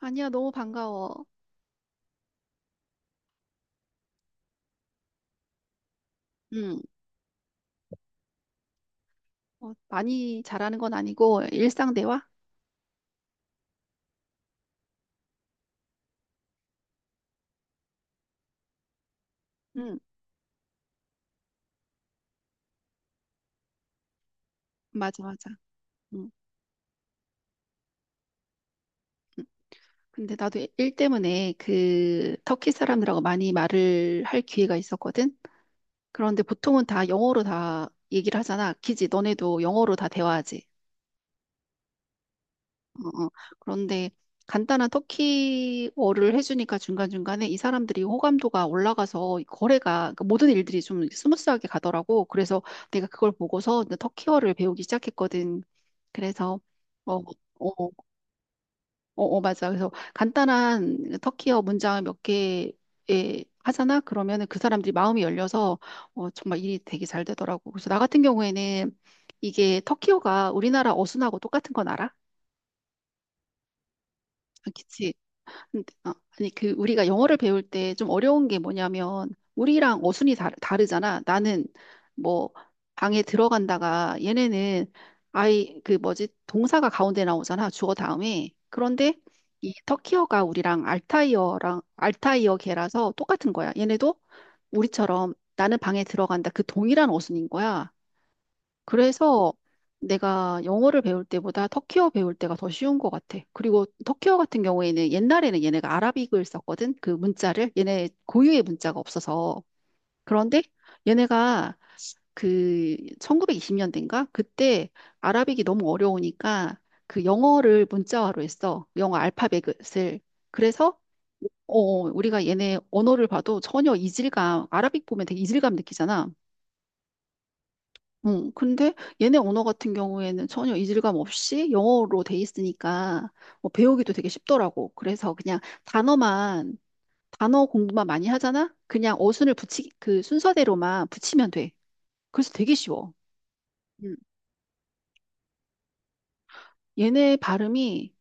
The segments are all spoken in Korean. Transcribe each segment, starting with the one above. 아니야, 너무 반가워. 응, 많이 잘하는 건 아니고, 일상 대화? 응, 맞아, 맞아. 응. 응. 근데 나도 일 때문에 그 터키 사람들하고 많이 말을 할 기회가 있었거든? 그런데 보통은 다 영어로 다 얘기를 하잖아. 기지, 너네도 영어로 다 대화하지. 어, 어. 그런데 간단한 터키어를 해주니까 중간중간에 이 사람들이 호감도가 올라가서 거래가 그 모든 일들이 좀 스무스하게 가더라고. 그래서 내가 그걸 보고서 이제 터키어를 배우기 시작했거든. 그래서 어, 어, 어, 어, 맞아. 그래서 간단한 터키어 문장 몇 개에 하잖아. 그러면은 그 사람들이 마음이 열려서 정말 일이 되게 잘 되더라고. 그래서 나 같은 경우에는 이게 터키어가 우리나라 어순하고 똑같은 건 알아? 그치. 근데- 아, 아니, 우리가 영어를 배울 때 좀 어려운 게 뭐냐면, 우리랑 어순이 다르잖아. 나는, 뭐, 방에 들어간다가, 얘네는, 아이, 그 뭐지, 동사가 가운데 나오잖아. 주어 다음에. 그런데, 이 터키어가 우리랑 알타이어랑, 알타이어계라서 똑같은 거야. 얘네도 우리처럼 나는 방에 들어간다. 그 동일한 어순인 거야. 그래서 내가 영어를 배울 때보다 터키어 배울 때가 더 쉬운 것 같아. 그리고 터키어 같은 경우에는 옛날에는 얘네가 아라빅을 썼거든. 그 문자를. 얘네 고유의 문자가 없어서. 그런데 얘네가 그 1920년대인가? 그때 아라빅이 너무 어려우니까 그 영어를 문자화로 했어. 영어 알파벳을. 그래서 우리가 얘네 언어를 봐도 전혀 이질감, 아라빅 보면 되게 이질감 느끼잖아. 응, 근데 얘네 언어 같은 경우에는 전혀 이질감 없이 영어로 돼 있으니까 뭐 배우기도 되게 쉽더라고. 그래서 그냥 단어만, 단어 공부만 많이 하잖아? 그냥 어순을 그 순서대로만 붙이면 돼. 그래서 되게 쉬워. 음. 얘네 발음이,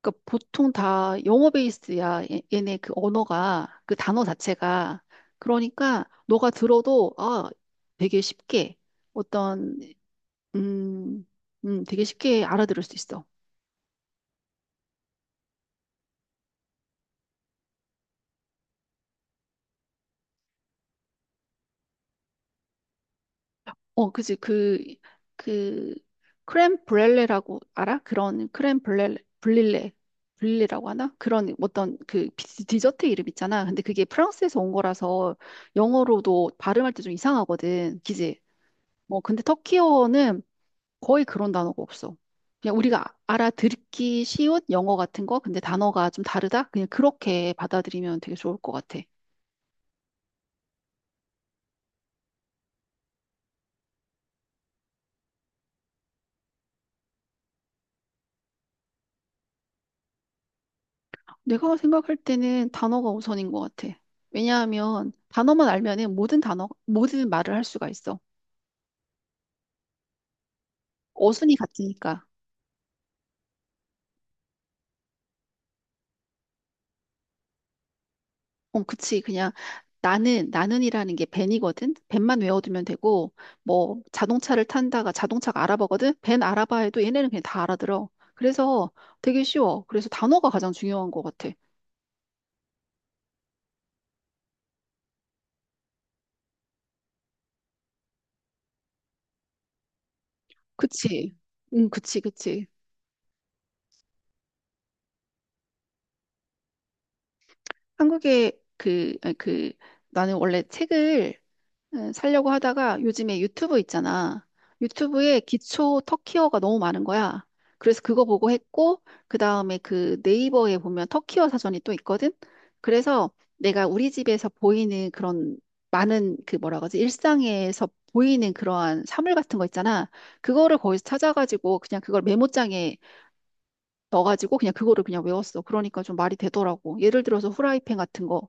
그러니까 보통 다 영어 베이스야. 얘네 그 언어가, 그 단어 자체가. 그러니까 너가 들어도, 되게 쉽게 어떤, 음, 되게 쉽게 알아들을 수 있어. 그지. 그, 크렘 브렐레라고 알아? 그런 크렘 브렐레, 블릴레, 블릴레라고 하나? 그런 어떤 그 디저트 이름 있잖아. 근데 그게 프랑스에서 온 거라서 영어로도 발음할 때 좀 이상하거든. 그지? 뭐, 근데 터키어는 거의 그런 단어가 없어. 그냥 우리가 알아듣기 쉬운 영어 같은 거, 근데 단어가 좀 다르다? 그냥 그렇게 받아들이면 되게 좋을 것 같아. 내가 생각할 때는 단어가 우선인 것 같아. 왜냐하면 단어만 알면은 모든 단어, 모든 말을 할 수가 있어. 어순이 같으니까. 그치. 그냥 나는이라는 게 벤이거든. 벤만 외워두면 되고, 뭐 자동차를 탄다가 자동차가 알아보거든. 벤 알아봐 해도 얘네는 그냥 다 알아들어. 그래서 되게 쉬워. 그래서 단어가 가장 중요한 것 같아. 그치. 응, 그치, 그치. 한국의 아니, 나는 원래 책을 살려고 하다가 요즘에 유튜브 있잖아. 유튜브에 기초 터키어가 너무 많은 거야. 그래서 그거 보고 했고, 그 다음에 그 네이버에 보면 터키어 사전이 또 있거든? 그래서 내가 우리 집에서 보이는 그런 많은 그 뭐라 그러지? 일상에서 보이는 그러한 사물 같은 거 있잖아. 그거를 거기서 찾아가지고 그냥 그걸 메모장에 넣어가지고 그냥 그거를 그냥 외웠어. 그러니까 좀 말이 되더라고. 예를 들어서 후라이팬 같은 거,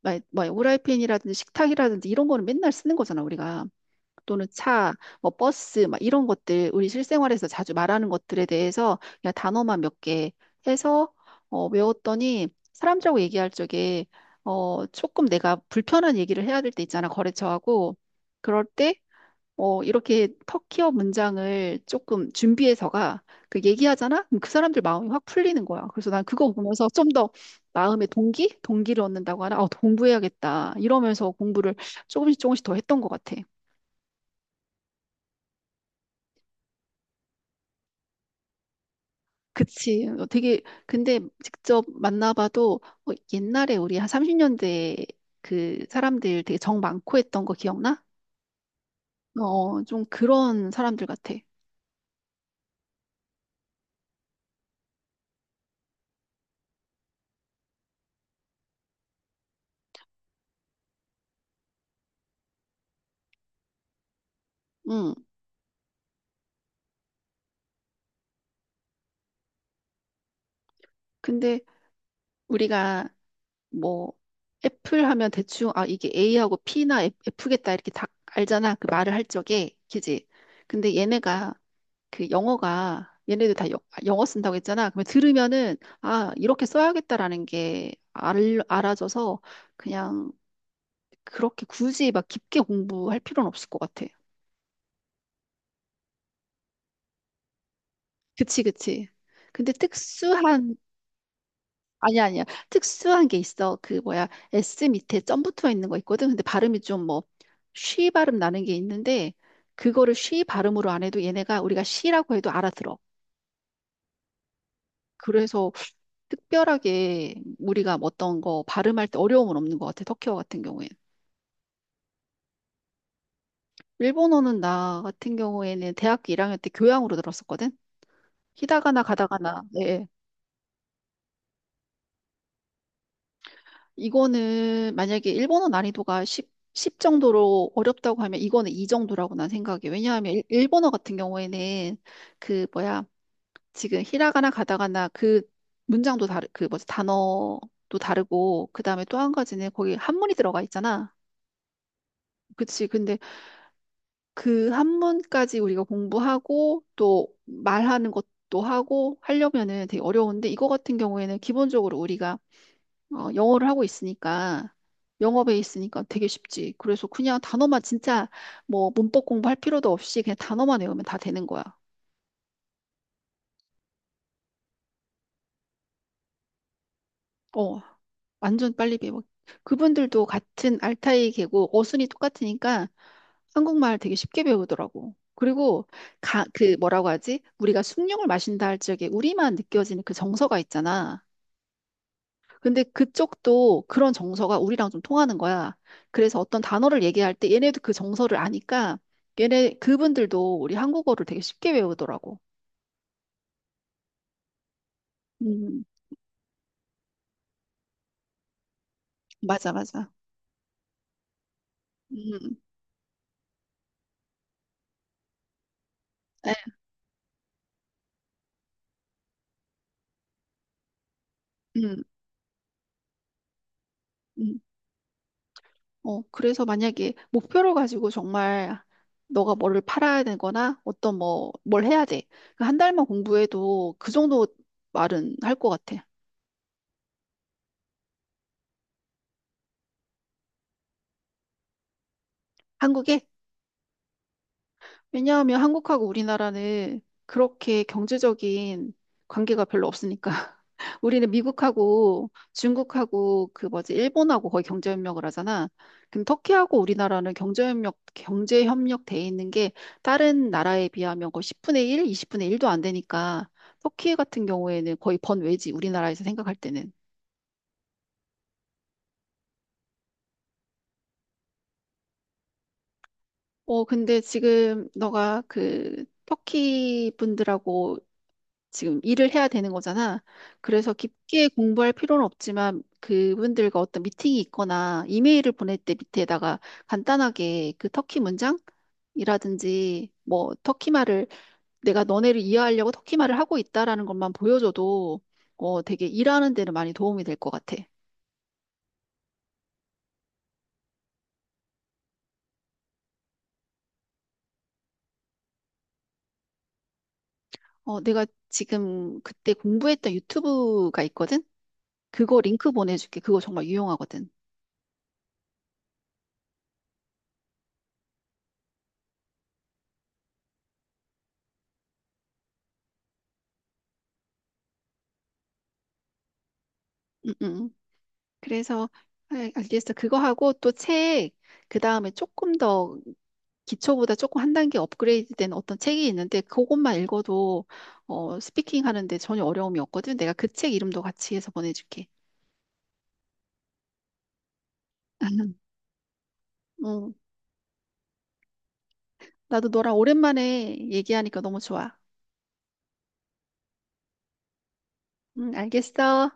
막 후라이팬이라든지 식탁이라든지 이런 거는 맨날 쓰는 거잖아, 우리가. 또는 차, 뭐 버스 막 이런 것들 우리 실생활에서 자주 말하는 것들에 대해서 그냥 단어만 몇 개 해서 외웠더니 사람들하고 얘기할 적에 조금 내가 불편한 얘기를 해야 될 때 있잖아 거래처하고 그럴 때 이렇게 터키어 문장을 조금 준비해서가 그 얘기하잖아? 그럼 그 사람들 마음이 확 풀리는 거야. 그래서 난 그거 보면서 좀 더 마음의 동기? 동기를 얻는다고 하나? 아, 공부해야겠다. 이러면서 공부를 조금씩 조금씩 더 했던 것 같아. 그치. 근데 직접 만나봐도 옛날에 우리 한 30년대 그 사람들 되게 정 많고 했던 거 기억나? 좀 그런 사람들 같아. 응. 근데 우리가 뭐 애플 하면 대충 아, 이게 A하고 P나 F겠다 이렇게 다 알잖아. 그 말을 할 적에. 그지? 근데 얘네가 그 영어가 얘네들 다 영어 쓴다고 했잖아. 그러면 들으면은 아, 이렇게 써야겠다라는 게 알아져서 그냥 그렇게 굳이 막 깊게 공부할 필요는 없을 것 같아. 그치, 그치. 근데 특수한, 아니야, 아니야. 특수한 게 있어. 그 뭐야, S 밑에 점 붙어 있는 거 있거든. 근데 발음이 좀 뭐, 쉬 발음 나는 게 있는데, 그거를 쉬 발음으로 안 해도 얘네가 우리가 쉬라고 해도 알아들어. 그래서 특별하게 우리가 뭐 어떤 거 발음할 때 어려움은 없는 것 같아. 터키어 같은 경우엔. 일본어는 나 같은 경우에는 대학교 1학년 때 교양으로 들었었거든. 히다가나 가다가나. 예. 예. 이거는 만약에 일본어 난이도가 10, 정도로 어렵다고 하면 이거는 이 정도라고 난 생각해. 왜냐하면 일본어 같은 경우에는 그 뭐야 지금 히라가나 가다가나 그 문장도 다르 그 뭐지 단어도 다르고 그다음에 또 한 가지는 거기 한문이 들어가 있잖아. 그치. 근데 그 한문까지 우리가 공부하고 또 말하는 것도 하고 하려면은 되게 어려운데 이거 같은 경우에는 기본적으로 우리가 영어를 하고 있으니까 영어 베이스니까 되게 쉽지. 그래서 그냥 단어만 진짜 뭐 문법 공부할 필요도 없이 그냥 단어만 외우면 다 되는 거야. 어, 완전 빨리 배워. 그분들도 같은 알타이 계고 어순이 똑같으니까 한국말 되게 쉽게 배우더라고. 그리고 그 뭐라고 하지? 우리가 숭늉을 마신다 할 적에 우리만 느껴지는 그 정서가 있잖아. 근데 그쪽도 그런 정서가 우리랑 좀 통하는 거야. 그래서 어떤 단어를 얘기할 때 얘네도 그 정서를 아니까 얘네 그분들도 우리 한국어를 되게 쉽게 외우더라고. 음, 맞아, 맞아. 음, 에, 음, 음. 그래서 만약에 목표를 가지고 정말 너가 뭐를 팔아야 되거나 어떤 뭘 해야 돼. 그한 달만 공부해도 그 정도 말은 할 것 같아. 한국에? 왜냐하면 한국하고 우리나라는 그렇게 경제적인 관계가 별로 없으니까. 우리는 미국하고 중국하고 그 뭐지, 일본하고 거의 경제협력을 하잖아. 그럼 터키하고 우리나라는 경제협력 돼 있는 게 다른 나라에 비하면 거의 10분의 1, 20분의 1도 안 되니까 터키 같은 경우에는 거의 번외지, 우리나라에서 생각할 때는. 근데 지금 너가 그 터키 분들하고 지금 일을 해야 되는 거잖아. 그래서 깊게 공부할 필요는 없지만 그분들과 어떤 미팅이 있거나 이메일을 보낼 때 밑에다가 간단하게 그 터키 문장이라든지 뭐 터키 말을 내가 너네를 이해하려고 터키 말을 하고 있다라는 것만 보여줘도 되게 일하는 데는 많이 도움이 될 것 같아. 내가 지금 그때 공부했던 유튜브가 있거든? 그거 링크 보내줄게. 그거 정말 유용하거든. 응, 응. 응. 그래서 알겠어. 그거 하고 또 책, 그 다음에 조금 더 기초보다 조금 한 단계 업그레이드된 어떤 책이 있는데 그것만 읽어도 스피킹 하는데 전혀 어려움이 없거든. 내가 그 책 이름도 같이 해서 보내줄게. 응, 나도 너랑 오랜만에 얘기하니까 너무 좋아. 응, 알겠어.